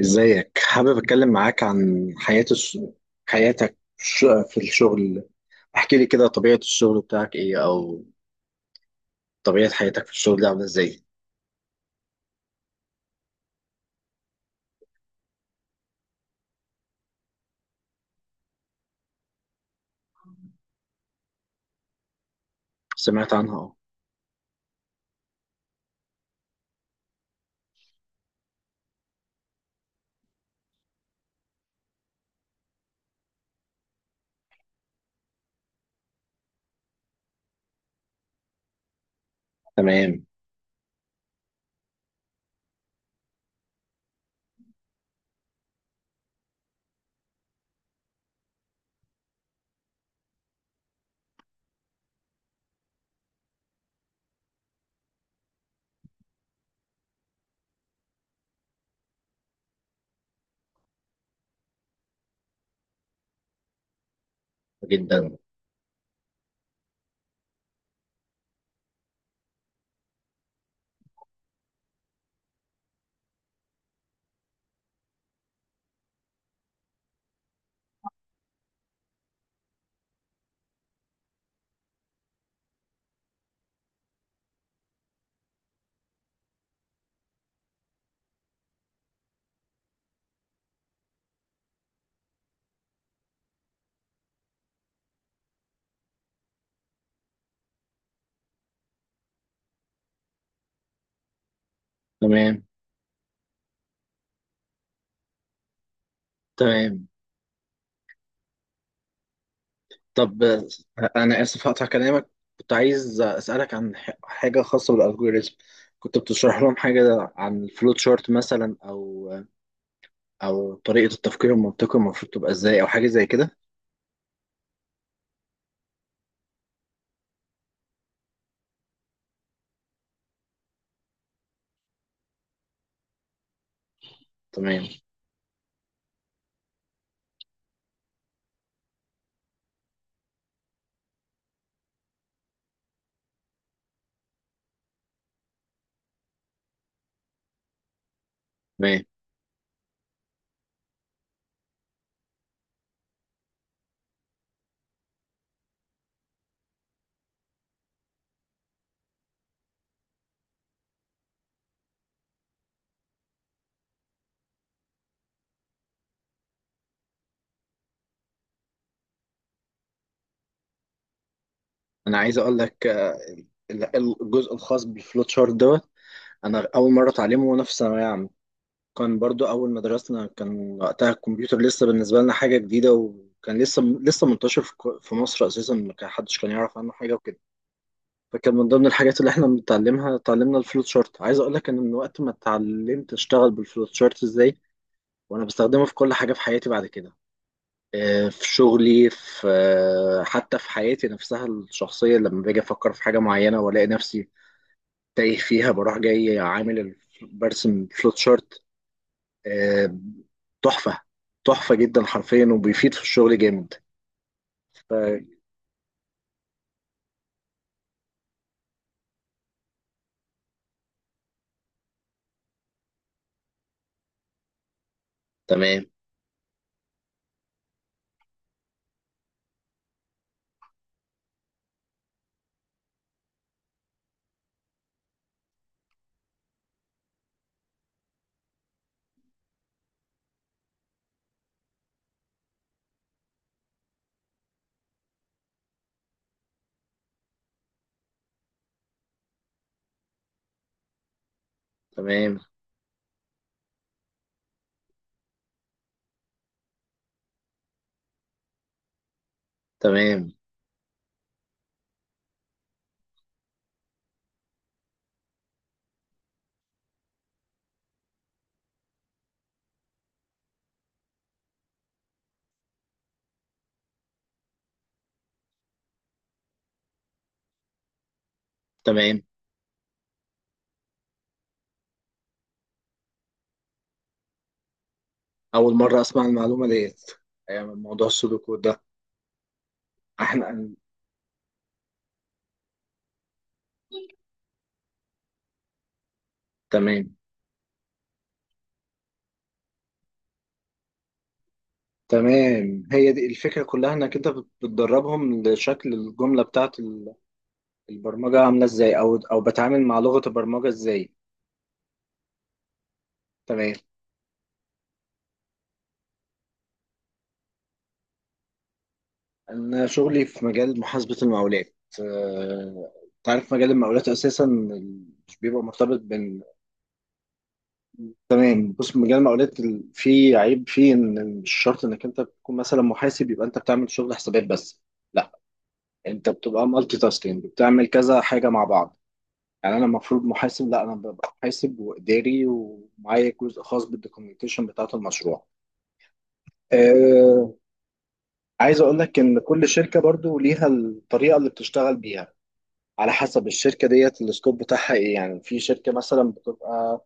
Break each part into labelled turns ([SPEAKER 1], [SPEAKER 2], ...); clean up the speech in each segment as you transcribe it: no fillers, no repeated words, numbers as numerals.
[SPEAKER 1] ازيك؟ حابب اتكلم معاك عن حياة الس... حياتك الش- في الشغل. احكي لي كده، طبيعة الشغل بتاعك ايه، او طبيعة حياتك في الشغل دي عاملة ازاي؟ سمعت عنها، اه. تمام، جدا. تمام. تمام. طب انا اسف، هقطع كلامك. كنت عايز اسالك عن حاجة خاصة بالالجوريزم. كنت بتشرح لهم حاجة عن الفلوت شارت مثلا، او او طريقة التفكير المنطقي المفروض تبقى ازاي، او حاجة زي كده. تمام. تمام. انا عايز اقول لك، الجزء الخاص بالفلوت شارت دوت، انا اول مره اتعلمه وانا في ثانويه عامه. كان برضو اول ما درسنا، كان وقتها الكمبيوتر لسه بالنسبه لنا حاجه جديده، وكان لسه منتشر في في مصر اساسا، ما كان حدش كان يعرف عنه حاجه وكده. فكان من ضمن الحاجات اللي احنا بنتعلمها، اتعلمنا الفلوت شارت. عايز اقول لك ان من وقت ما اتعلمت اشتغل بالفلوت شارت ازاي، وانا بستخدمه في كل حاجه في حياتي بعد كده. في شغلي، في آه، حتى في حياتي نفسها الشخصيه، لما باجي افكر في حاجه معينه والاقي نفسي تايه فيها، بروح جاي برسم فلوت شارت. آه، تحفة. تحفة جدا حرفيا، وبيفيد في الشغل جامد. ف- تمام. تمام. تمام. تمام. أول مرة أسمع المعلومة ديت، موضوع السودوكو ده. احنا. تمام. تمام، هي دي الفكرة كلها، انك انت بتدربهم لشكل الجملة بتاعت البرمجة عاملة ازاي، او او بتعامل مع لغة البرمجة ازاي. تمام. أنا شغلي في مجال محاسبة المقاولات. آه، تعرف مجال المقاولات أساسا مش بيبقى مرتبط بين. تمام. بص، مجال المقاولات فيه عيب فيه، إن مش شرط إنك أنت تكون مثلا محاسب يبقى أنت بتعمل شغل حسابات بس. لا، أنت بتبقى مالتي تاسكينج، بتعمل كذا حاجة مع بعض. يعني أنا المفروض محاسب؟ لا، أنا ببقى محاسب وإداري، ومعايا جزء خاص بالدوكيومنتيشن بتاعة المشروع. آه، عايز أقول لك إن كل شركة برضو ليها الطريقة اللي بتشتغل بيها. على حسب الشركة ديت السكوب بتاعها ايه. يعني في شركة مثلا بتبقى.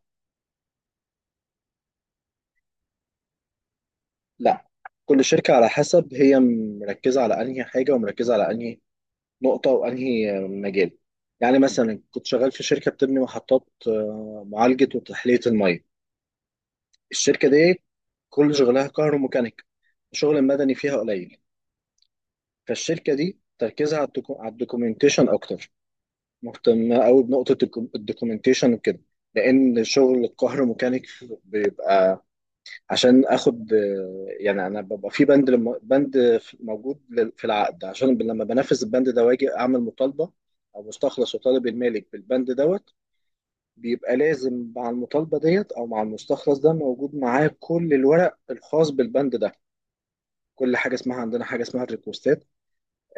[SPEAKER 1] لا، كل شركة على حسب هي مركزة على انهي حاجة، ومركزة على انهي نقطة، وانهي مجال. يعني مثلا كنت شغال في شركة بتبني محطات، معالجة وتحلية المية. الشركة دي كل شغلها كهروميكانيك، الشغل المدني فيها قليل. فالشركة دي تركيزها على على الدوكيومنتيشن اكتر. مهتمة قوي بنقطة الدوكيومنتيشن وكده. لان شغل الكهروميكانيك بيبقى، عشان اخد، يعني انا ببقى في بند لم- بند في- موجود لل- في العقد، عشان لما بنفذ البند ده، واجي اعمل مطالبه او مستخلص، وطالب المالك بالبند دوت، بيبقى لازم مع المطالبه ديت، او مع المستخلص ده، موجود معاه كل الورق الخاص بالبند ده. كل حاجه اسمها عندنا حاجه اسمها الريكوستات.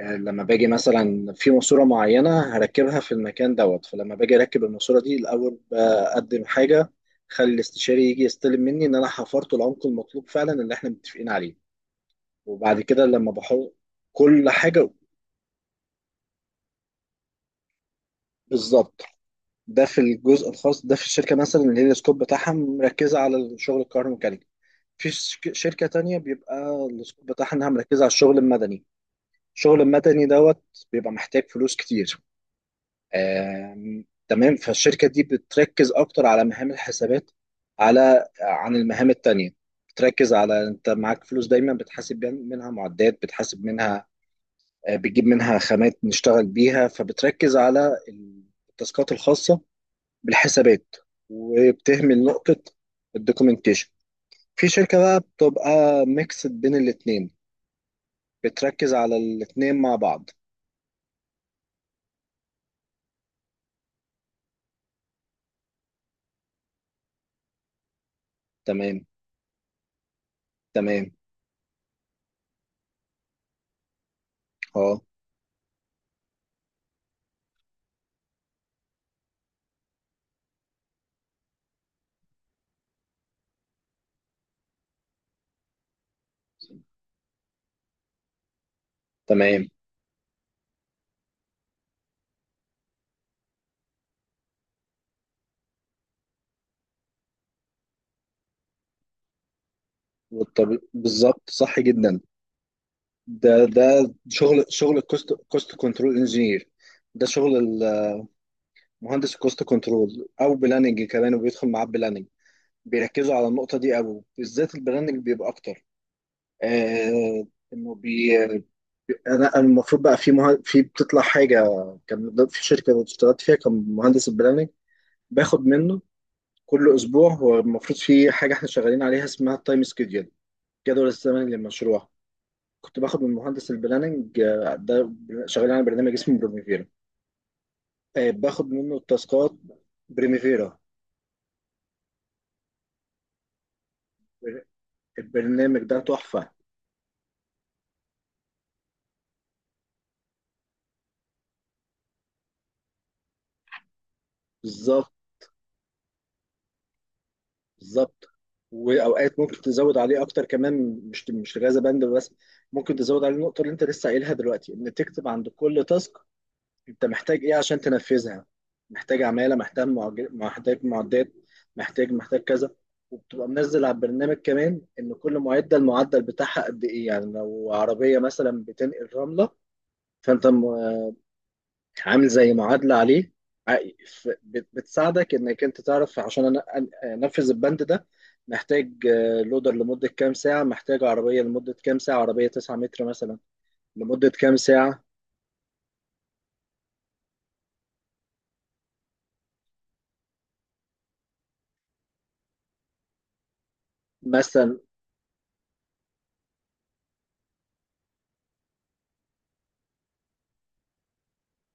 [SPEAKER 1] لما باجي مثلا في ماسوره معينه هركبها في المكان دوت، فلما باجي اركب الماسوره دي، الاول بقدم حاجه، خلي الاستشاري يجي يستلم مني ان انا حفرت العمق المطلوب فعلا اللي احنا متفقين عليه. وبعد كده لما بحط. كل حاجه، بالظبط. ده في الجزء الخاص ده في الشركه مثلا، اللي هي السكوب بتاعها مركزه على الشغل الكهروميكانيكي. في شركه تانية بيبقى السكوب بتاعها انها مركزه على الشغل المدني. الشغل المدني دوت بيبقى محتاج فلوس كتير. تمام. فالشركة دي بتركز أكتر على مهام الحسابات، على عن المهام التانية. بتركز على أنت معاك فلوس دايما، بتحاسب منها معدات، بتحاسب منها، بتجيب منها خامات نشتغل بيها. فبتركز على التاسكات الخاصة بالحسابات، وبتهمل نقطة الدوكيومنتيشن. في شركة بقى بتبقى ميكس بين الاتنين، بتركز على الاتنين مع بعض. تمام. تمام. اه. تمام. بالظبط، صح جدا. ده شغل الكوست كنترول انجينير. ده شغل المهندس الكوست كنترول، او بلاننج كمان، وبيدخل معاه بلاننج. بيركزوا على النقطه دي قوي، بالذات البلاننج بيبقى اكتر. آه انه بي انا أنا المفروض بقى في بتطلع حاجه. كان في شركه اشتغلت فيها، كان مهندس البلاننج باخد منه كل اسبوع، هو المفروض في حاجه احنا شغالين عليها اسمها التايم سكيدول، جدول الزمني للمشروع. كنت باخد من مهندس البلاننج ده. شغالين على برنامج اسمه بروميفير. باخد منه التاسكات. بريميفيرا. البرنامج ده تحفة. بالظبط. بالظبط. وأوقات ممكن تزود عليه أكتر كمان، مش غازة بند بس، ممكن تزود عليه النقطة اللي أنت لسه قايلها دلوقتي، إن تكتب عند كل تاسك أنت محتاج إيه عشان تنفذها. محتاج عمالة، محتاج محتاج معدات، محتاج كذا. وبتبقى منزل على البرنامج كمان إن كل معدة المعدل بتاعها قد إيه. يعني لو عربية مثلا بتنقل رملة، فأنت عامل زي معادلة عليه. ع- بتساعدك انك انت تعرف، عشان انفذ البند ده، محتاج لودر لمدة كام ساعة، محتاج عربية لمدة كام ساعة، عربية 9 متر مثلا لمدة كام ساعة. مثلا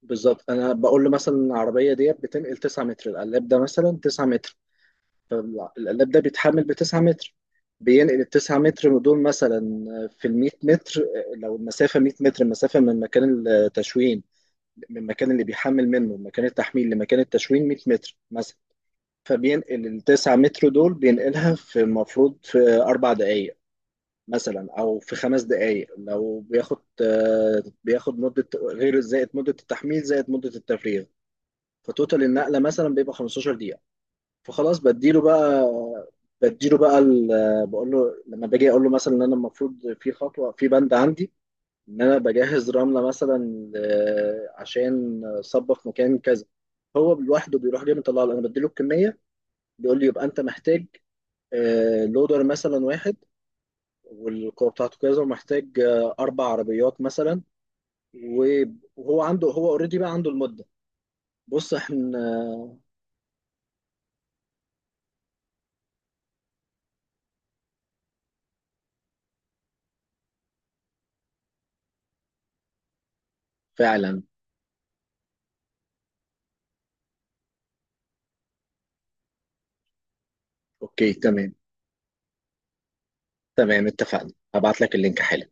[SPEAKER 1] بالظبط، انا بقول له مثلا العربية دي بتنقل 9 متر، القلاب ده مثلا 9 متر، فالقلاب ده بيتحمل ب 9 متر، بينقل ال 9 متر دول مثلا في ال 100 متر. لو المسافة 100 متر، المسافة من مكان التشوين، من المكان اللي بيحمل منه، مكان التحميل لمكان التشوين 100 متر مثلا، فبينقل التسعة متر دول، بينقلها في المفروض في 4 دقايق مثلا، أو في 5 دقايق، لو بياخد بياخد مدة، غير زائد مدة التحميل زائد مدة التفريغ. فتوتال النقلة مثلا بيبقى 15 دقيقة. فخلاص، بديله بقى. بقول له، لما باجي اقول له مثلا ان انا المفروض في خطوه، في بند عندي ان انا بجهز رمله مثلا، عشان صبه في مكان كذا، هو لوحده بيروح جاي مطلع لي، انا بديله الكميه، بيقول لي يبقى انت محتاج لودر مثلا واحد، والقوه بتاعته كذا، ومحتاج 4 عربيات مثلا، و- وهو عنده، هو اوريدي بقى عنده المده. بص احنا، فعلا. اوكي، تمام. تمام، اتفقنا، هبعت لك اللينك حالا.